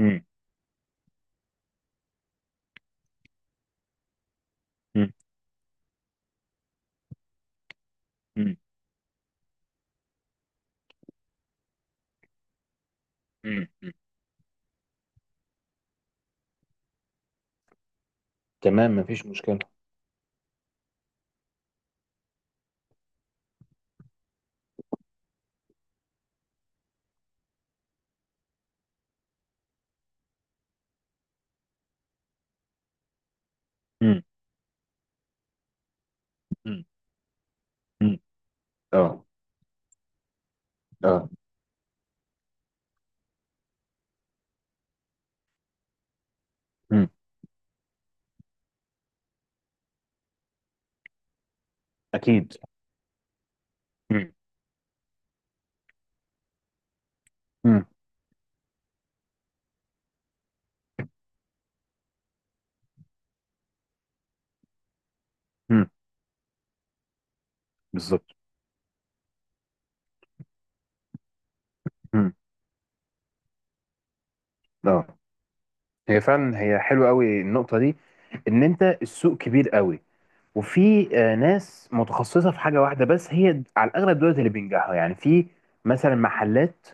مم. مم. مم. مم. مم. تمام، مفيش مشكلة. مم. مم. مم. اه، اه. مم. اكيد. مم. مم. مم. بالظبط. مم. اه. فعلا هي حلوة قوي النقطة دي، ان انت السوق كبير قوي، وفي ناس متخصصة في حاجة واحدة بس، هي على الأغلب دولت اللي بينجحوا، يعني في مثلا محلات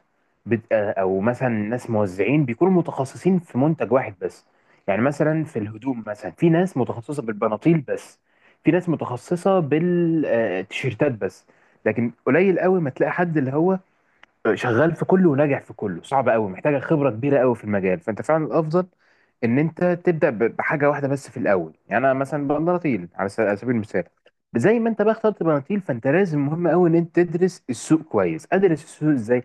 بت... آه، أو مثلا ناس موزعين بيكونوا متخصصين في منتج واحد بس. يعني مثلا في الهدوم، مثلا في ناس متخصصة بالبناطيل بس، في ناس متخصصة بالتيشيرتات بس، لكن قليل قوي ما تلاقي حد اللي هو شغال في كله وناجح في كله. صعب قوي، محتاجه خبره كبيره قوي في المجال. فانت فعلا الافضل ان انت تبدا بحاجه واحده بس في الاول. يعني انا مثلا بنطيل على سبيل المثال، زي ما انت بقى اخترت بناطيل، فانت لازم، مهم قوي، ان انت تدرس السوق كويس. ادرس السوق ازاي؟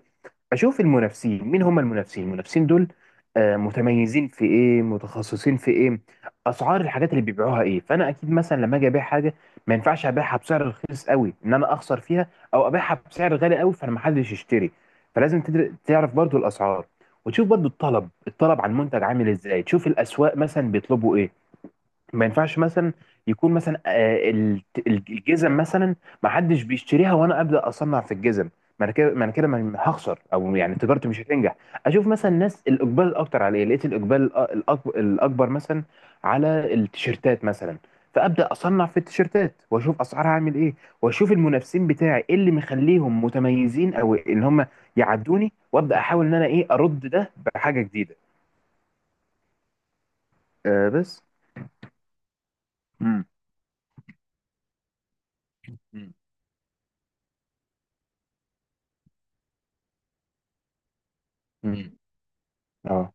اشوف المنافسين، مين هم المنافسين دول، متميزين في ايه، متخصصين في ايه، اسعار الحاجات اللي بيبيعوها ايه. فانا اكيد مثلا لما اجي ابيع حاجه، ما ينفعش ابيعها بسعر رخيص قوي ان انا اخسر فيها، او ابيعها بسعر غالي قوي فانا ما حدش يشتري. فلازم تعرف برضو الاسعار، وتشوف برضو الطلب على المنتج عامل ازاي. تشوف الاسواق مثلا بيطلبوا ايه. ما ينفعش مثلا يكون مثلا الجزم مثلا ما حدش بيشتريها وانا ابدا اصنع في الجزم. ما انا كده هخسر، او يعني تجارتي مش هتنجح. اشوف مثلا الناس الاقبال الاكتر على ايه. لقيت الاقبال الاكبر مثلا على التيشيرتات مثلا، فابدا اصنع في التيشيرتات واشوف اسعارها عامل ايه، واشوف المنافسين بتاعي ايه اللي مخليهم متميزين، او ان هم يعدوني، وابدا احاول ان انا ايه ارد ده بحاجه جديده. أه، بس. مم. مم. مم. اه،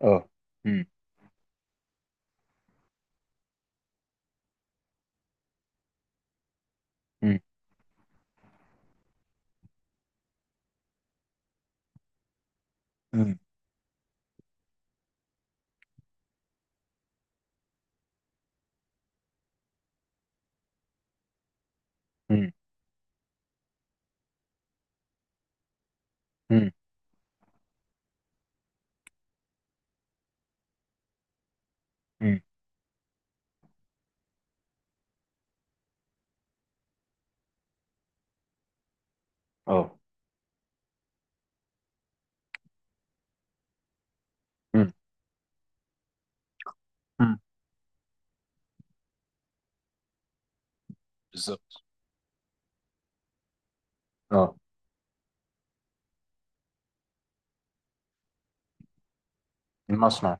اه. مم. مم. مم. مم. مم. مم. اه. مم. مم. بالظبط. اه. المصنع.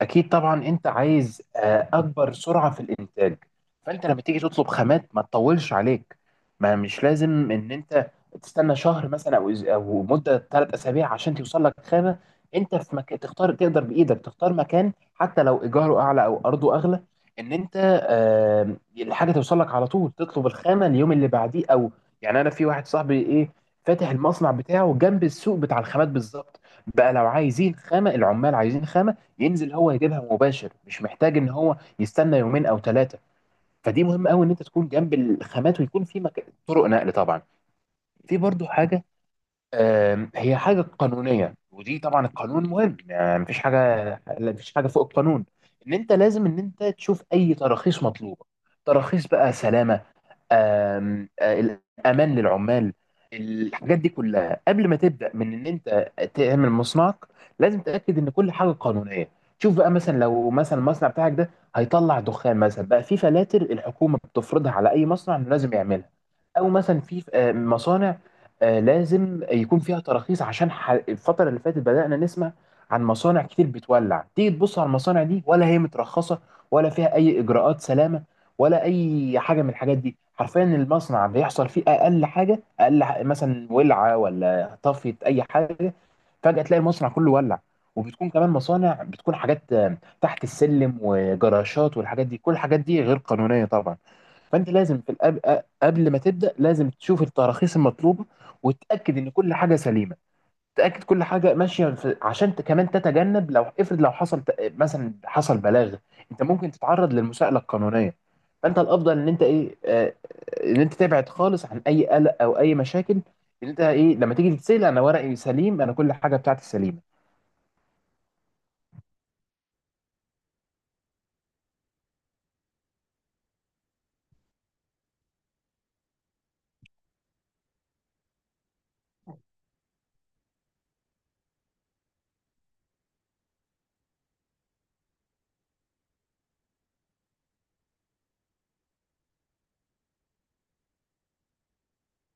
اكيد طبعا. انت عايز اكبر سرعه في الانتاج، فانت لما تيجي تطلب خامات ما تطولش عليك. ما مش لازم ان انت تستنى شهر مثلا، او او مده 3 اسابيع عشان توصل لك خامه. انت في مكان تختار، تقدر بايدك تختار مكان حتى لو ايجاره اعلى او ارضه اغلى، ان انت الحاجه توصل لك على طول. تطلب الخامه اليوم اللي بعديه او، يعني انا في واحد صاحبي ايه فاتح المصنع بتاعه جنب السوق بتاع الخامات بالظبط. بقى لو عايزين خامه، العمال عايزين خامه، ينزل هو يجيبها مباشر، مش محتاج ان هو يستنى يومين او ثلاثه. فدي مهم قوي ان انت تكون جنب الخامات، ويكون في طرق نقل طبعا. في برضو حاجه، هي حاجه قانونيه. ودي طبعا القانون مهم، يعني مفيش حاجه، لا مفيش حاجه فوق القانون. ان انت لازم ان انت تشوف اي تراخيص مطلوبه، تراخيص بقى سلامه، آم، آه، الامان للعمال. الحاجات دي كلها قبل ما تبدا، من ان انت تعمل مصنعك لازم تتاكد ان كل حاجه قانونيه. شوف بقى مثلا لو مثلا المصنع بتاعك ده هيطلع دخان مثلا، بقى في فلاتر الحكومه بتفرضها على اي مصنع انه لازم يعملها. او مثلا في مصانع لازم يكون فيها تراخيص، عشان الفتره اللي فاتت بدانا نسمع عن مصانع كتير بتولع. تيجي تبص على المصانع دي، ولا هي مترخصه، ولا فيها اي اجراءات سلامه، ولا اي حاجه من الحاجات دي. حرفيا المصنع بيحصل فيه اقل حاجه، اقل مثلا ولعه ولا طفت اي حاجه، فجاه تلاقي المصنع كله ولع. وبتكون كمان مصانع بتكون حاجات تحت السلم وجراشات والحاجات دي، كل الحاجات دي غير قانونيه طبعا. فانت لازم قبل ما تبدا لازم تشوف التراخيص المطلوبه وتتاكد ان كل حاجه سليمه. تاكد كل حاجه ماشيه عشان كمان تتجنب لو افرض لو حصل مثلا حصل بلاغ، انت ممكن تتعرض للمساءله القانونيه. فانت الافضل ان انت ايه، ان انت تبعد خالص عن اي قلق او اي مشاكل، ان انت ايه لما تيجي تتسال انا ورقي سليم، انا كل حاجه بتاعتي سليمه.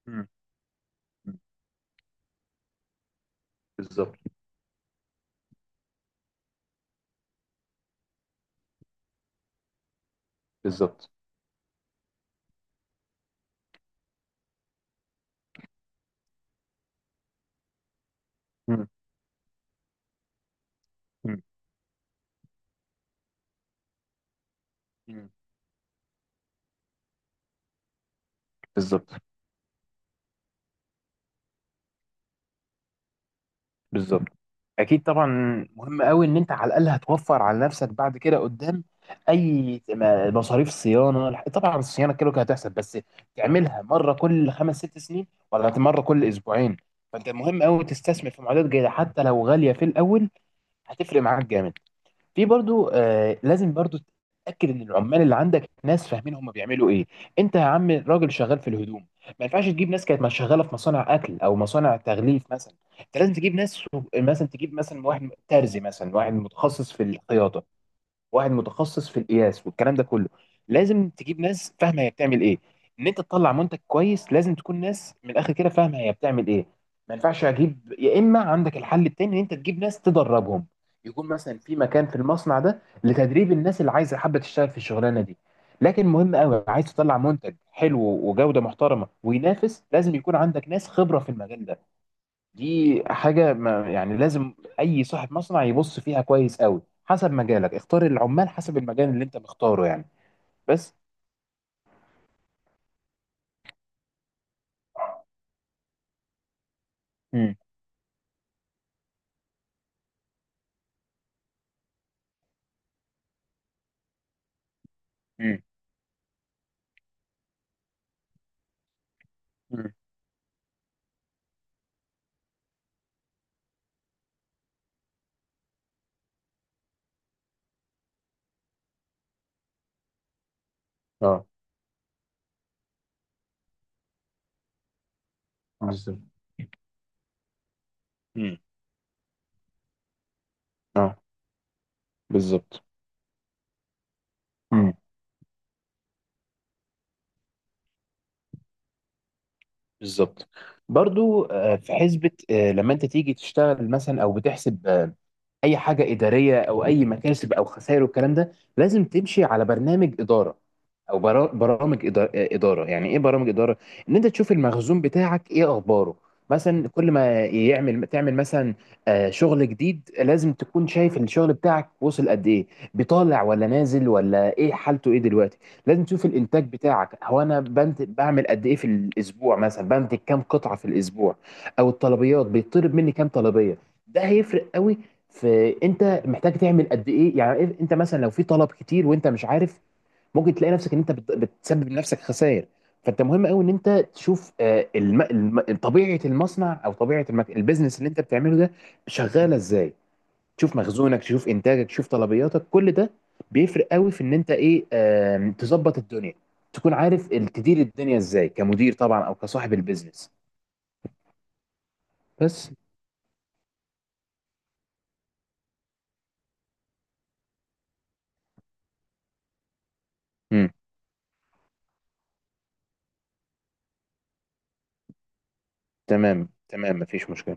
مم. مم. بالظبط. بالظبط. مم. مم. مم. بالظبط. بالظبط. اكيد طبعا. مهم قوي ان انت على الاقل هتوفر على نفسك بعد كده قدام اي مصاريف صيانه. طبعا الصيانه كده كده هتحصل، بس تعملها مره كل خمس ست سنين، ولا مره كل اسبوعين؟ فانت مهم قوي تستثمر في معدات جيده حتى لو غاليه في الاول، هتفرق معاك جامد. في برضو لازم برضو تتاكد ان العمال اللي عندك ناس فاهمين هم بيعملوا ايه. انت يا عم راجل شغال في الهدوم، ما ينفعش تجيب ناس كانت شغاله في مصانع اكل او مصانع تغليف مثلا. انت لازم تجيب ناس، مثلا تجيب مثلا واحد ترزي، مثلا واحد متخصص في الخياطه، واحد متخصص في القياس والكلام ده كله. لازم تجيب ناس فاهمه هي بتعمل ايه. ان انت تطلع منتج كويس لازم تكون ناس من الاخر كده فاهمه هي بتعمل ايه. ما ينفعش اجيب، يا اما عندك الحل التاني ان انت تجيب ناس تدربهم، يكون مثلا في مكان في المصنع ده لتدريب الناس اللي عايزه حابه تشتغل في الشغلانه دي. لكن مهم قوي، عايز تطلع منتج حلو وجوده محترمه وينافس، لازم يكون عندك ناس خبره في المجال ده. دي حاجة ما يعني لازم أي صاحب مصنع يبص فيها كويس قوي. حسب مجالك اختار العمال، حسب المجال اللي أنت مختاره يعني. بس. مم. مم. مم. اه. بالظبط. مم. اه. بالظبط. مم. بالظبط. برضو في حسبة، لما أنت تيجي تشتغل مثلا أو بتحسب اي حاجه اداريه او اي مكاسب او خسائر والكلام ده، لازم تمشي على برنامج اداره، او برامج اداره. يعني ايه برامج اداره؟ ان انت تشوف المخزون بتاعك ايه اخباره. مثلا كل ما تعمل مثلا شغل جديد، لازم تكون شايف الشغل بتاعك وصل قد ايه، بيطالع ولا نازل، ولا ايه حالته ايه دلوقتي. لازم تشوف الانتاج بتاعك هو، انا بنت بعمل قد ايه في الاسبوع، مثلا بنتج كام قطعه في الاسبوع، او الطلبيات بيطلب مني كام طلبيه. ده هيفرق قوي. فانت محتاج تعمل قد ايه، يعني انت مثلا لو في طلب كتير وانت مش عارف ممكن تلاقي نفسك ان انت بتسبب لنفسك خسائر. فانت مهم قوي ان انت تشوف طبيعه المصنع، او طبيعه البيزنس اللي انت بتعمله ده شغاله ازاي. تشوف مخزونك، تشوف انتاجك، تشوف طلبياتك، كل ده بيفرق قوي في ان انت ايه، تظبط الدنيا، تكون عارف تدير الدنيا ازاي كمدير طبعا، او كصاحب البيزنس. بس. مم. تمام، تمام، مفيش مشكله.